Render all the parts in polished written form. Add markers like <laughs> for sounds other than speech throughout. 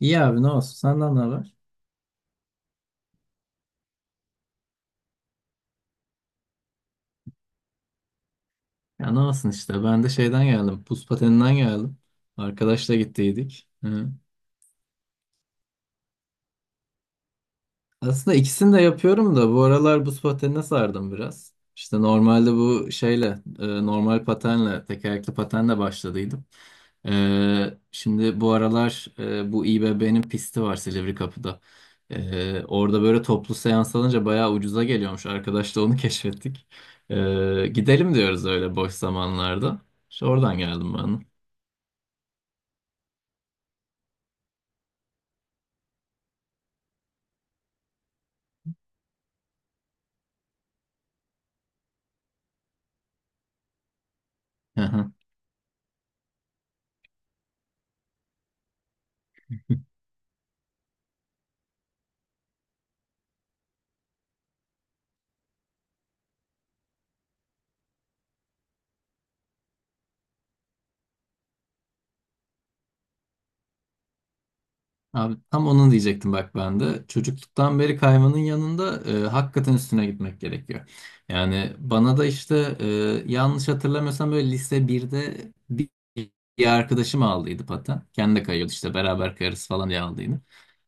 İyi abi, ne olsun? Senden ne haber? Ya ne olsun işte. Ben de şeyden geldim. Buz pateninden geldim. Arkadaşla gittiydik. Hı. Aslında ikisini de yapıyorum da bu aralar buz patenine sardım biraz. İşte normalde bu şeyle normal patenle tekerlekli patenle başladıydım. Şimdi bu aralar bu İBB'nin pisti var Silivri Kapı'da. Orada böyle toplu seans alınca bayağı ucuza geliyormuş. Arkadaşla onu <laughs> keşfettik. Gidelim diyoruz öyle boş zamanlarda. İşte oradan geldim ben. <laughs> Abi tam onu diyecektim bak ben de. Çocukluktan beri kaymanın yanında hakikaten üstüne gitmek gerekiyor. Yani bana da işte yanlış hatırlamıyorsam böyle lise birde bir bir arkadaşım aldıydı paten. Kendi de kayıyordu, işte beraber kayarız falan diye aldıydı.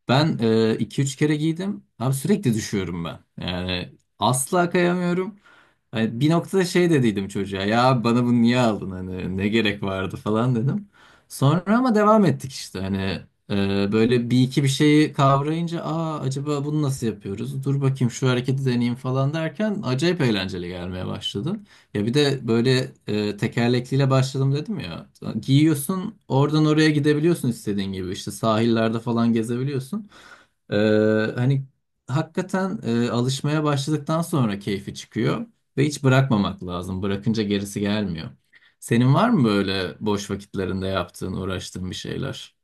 Ben iki üç kere giydim. Abi sürekli düşüyorum ben. Yani asla kayamıyorum. Hani bir noktada şey dediydim çocuğa, ya bana bunu niye aldın, hani ne gerek vardı falan dedim. Sonra ama devam ettik, işte hani böyle bir iki bir şeyi kavrayınca, aa, acaba bunu nasıl yapıyoruz? Dur bakayım şu hareketi deneyeyim falan derken acayip eğlenceli gelmeye başladı. Ya bir de böyle tekerlekliyle başladım dedim ya. Giyiyorsun, oradan oraya gidebiliyorsun istediğin gibi, işte sahillerde falan gezebiliyorsun. Ee, hani Hakikaten alışmaya başladıktan sonra keyfi çıkıyor ve hiç bırakmamak lazım. Bırakınca gerisi gelmiyor. Senin var mı böyle boş vakitlerinde yaptığın, uğraştığın bir şeyler?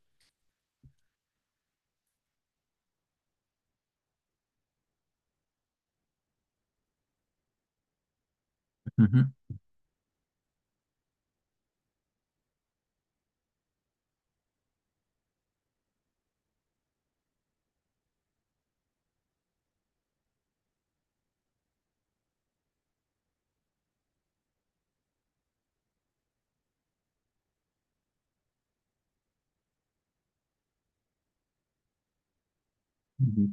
Hı hı.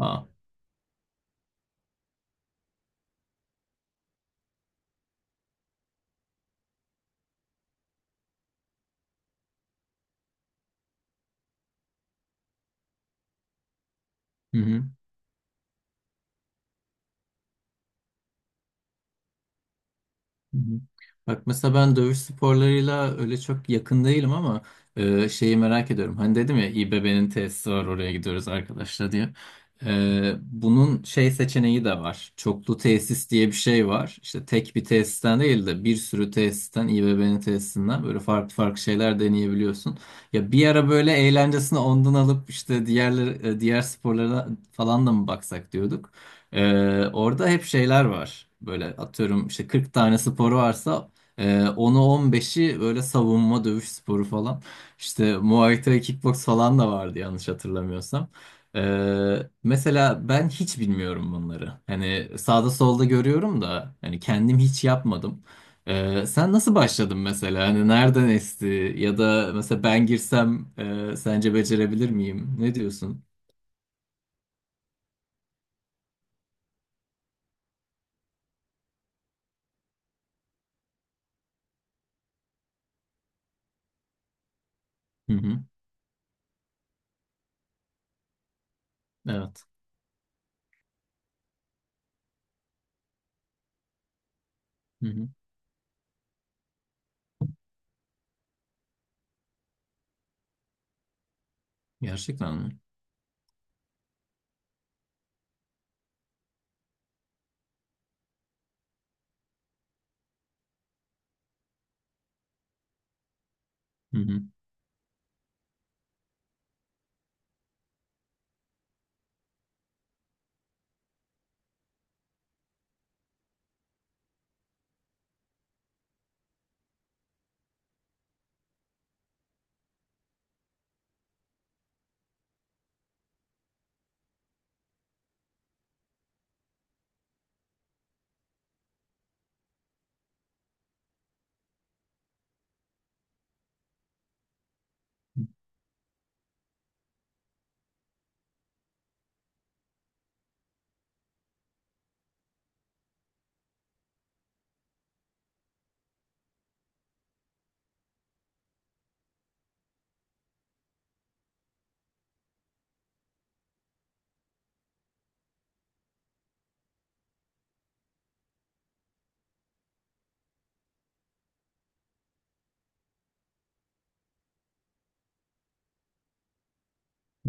Aa. Hı hı. Hı hı. Bak mesela ben dövüş sporlarıyla öyle çok yakın değilim ama şeyi merak ediyorum. Hani dedim ya, İBB'nin tesisi var, oraya gidiyoruz arkadaşlar diye. Bunun şey seçeneği de var. Çoklu tesis diye bir şey var. İşte tek bir tesisten değil de bir sürü tesisten, İBB'nin tesisinden böyle farklı farklı şeyler deneyebiliyorsun. Ya bir ara böyle eğlencesini ondan alıp işte diğer sporlara falan da mı baksak diyorduk. Orada hep şeyler var. Böyle atıyorum, işte 40 tane sporu varsa e, onu 15'i böyle savunma dövüş sporu falan. İşte Muay Thai, kickbox falan da vardı yanlış hatırlamıyorsam. Ee, Mesela ben hiç bilmiyorum bunları. Hani sağda solda görüyorum da hani kendim hiç yapmadım. Sen nasıl başladın mesela? Hani nereden esti? Ya da mesela ben girsem sence becerebilir miyim? Ne diyorsun? Hı hı. Evet. Hı hı. Gerçekten mi? Hı hı.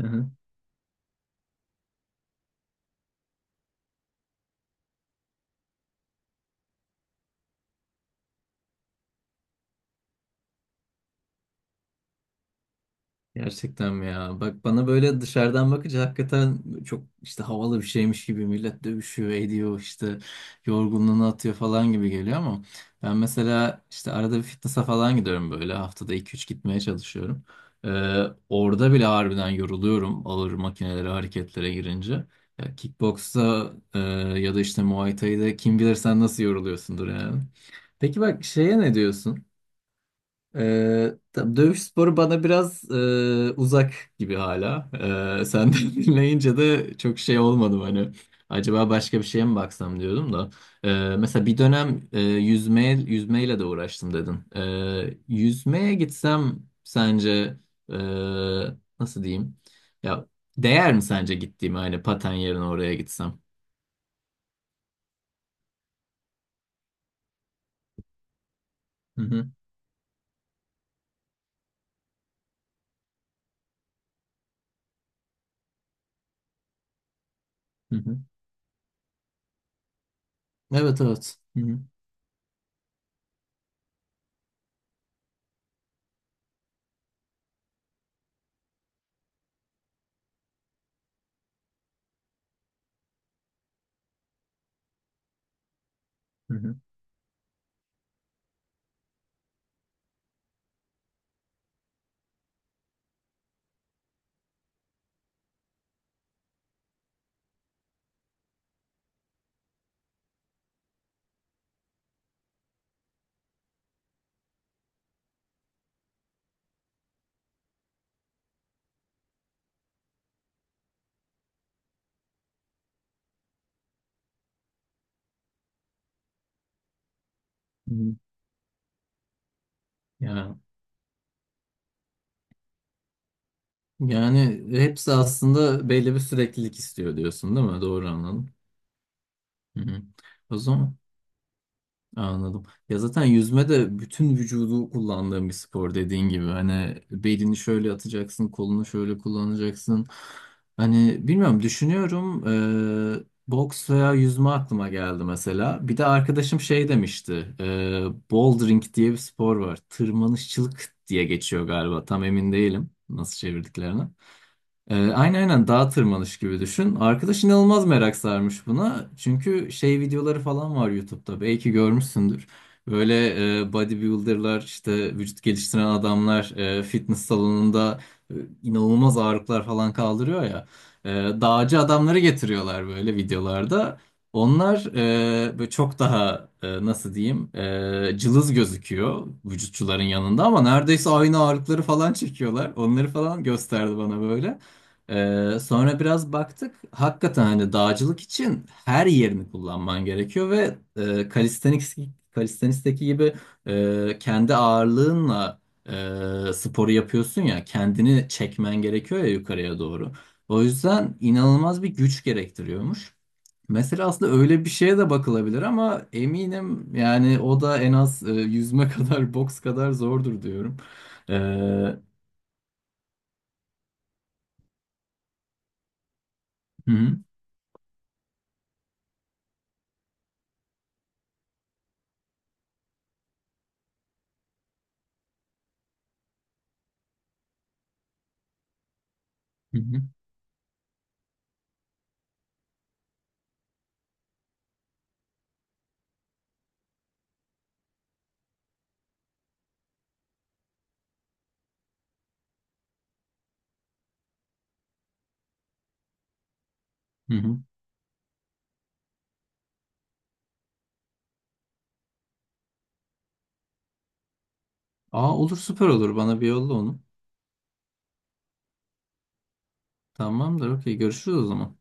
Aha. Gerçekten mi ya? Bak, bana böyle dışarıdan bakınca hakikaten çok işte havalı bir şeymiş gibi, millet dövüşüyor, ediyor, işte yorgunluğunu atıyor falan gibi geliyor ama ben mesela işte arada bir fitness'a falan gidiyorum, böyle haftada iki üç gitmeye çalışıyorum. Ee, Orada bile harbiden yoruluyorum ağır makinelere, hareketlere girince. Ya kickboksta ya da işte Muay Thai'de kim bilir sen nasıl yoruluyorsundur yani. Peki bak şeye ne diyorsun? Tam dövüş sporu bana biraz uzak gibi hala. Senden <laughs> dinleyince de çok şey olmadım hani. Acaba başka bir şeye mi baksam diyordum da. Mesela bir dönem yüzmeyle de uğraştım dedin. Yüzmeye gitsem sence e, nasıl diyeyim? Ya değer mi sence, gittiğim hani paten yerine oraya gitsem? Hı hı, hı hı. Evet evet. Hı hı, hı hı, hı hı. Ya yani hepsi aslında belli bir süreklilik istiyor diyorsun değil mi? Doğru anladım. Hı hı. O zaman anladım. Ya zaten yüzme de bütün vücudu kullandığın bir spor dediğin gibi. Hani belini şöyle atacaksın, kolunu şöyle kullanacaksın. Hani bilmiyorum, düşünüyorum. Boks veya yüzme aklıma geldi mesela. Bir de arkadaşım şey demişti. Bouldering diye bir spor var. Tırmanışçılık diye geçiyor galiba. Tam emin değilim nasıl çevirdiklerine. Aynen aynen, dağ tırmanış gibi düşün. Arkadaş inanılmaz merak sarmış buna. Çünkü şey videoları falan var YouTube'da. Belki görmüşsündür. Böyle bodybuilder'lar, işte vücut geliştiren adamlar fitness salonunda e, inanılmaz ağırlıklar falan kaldırıyor ya. E, Dağcı adamları getiriyorlar böyle videolarda. Onlar böyle çok daha nasıl diyeyim, cılız gözüküyor vücutçuların yanında ama neredeyse aynı ağırlıkları falan çekiyorlar. Onları falan gösterdi bana böyle. Sonra biraz baktık. Hakikaten hani dağcılık için her yerini kullanman gerekiyor ve calisthenics'teki gibi kendi ağırlığınla sporu yapıyorsun, ya kendini çekmen gerekiyor ya yukarıya doğru. O yüzden inanılmaz bir güç gerektiriyormuş. Mesela aslında öyle bir şeye de bakılabilir ama eminim yani o da en az yüzme <laughs> kadar, boks kadar zordur diyorum. Ee, hı hı hı, hı hı, hı Aa, olur, süper olur. Bana bir yolla onu. Tamamdır. Okey. Görüşürüz o zaman.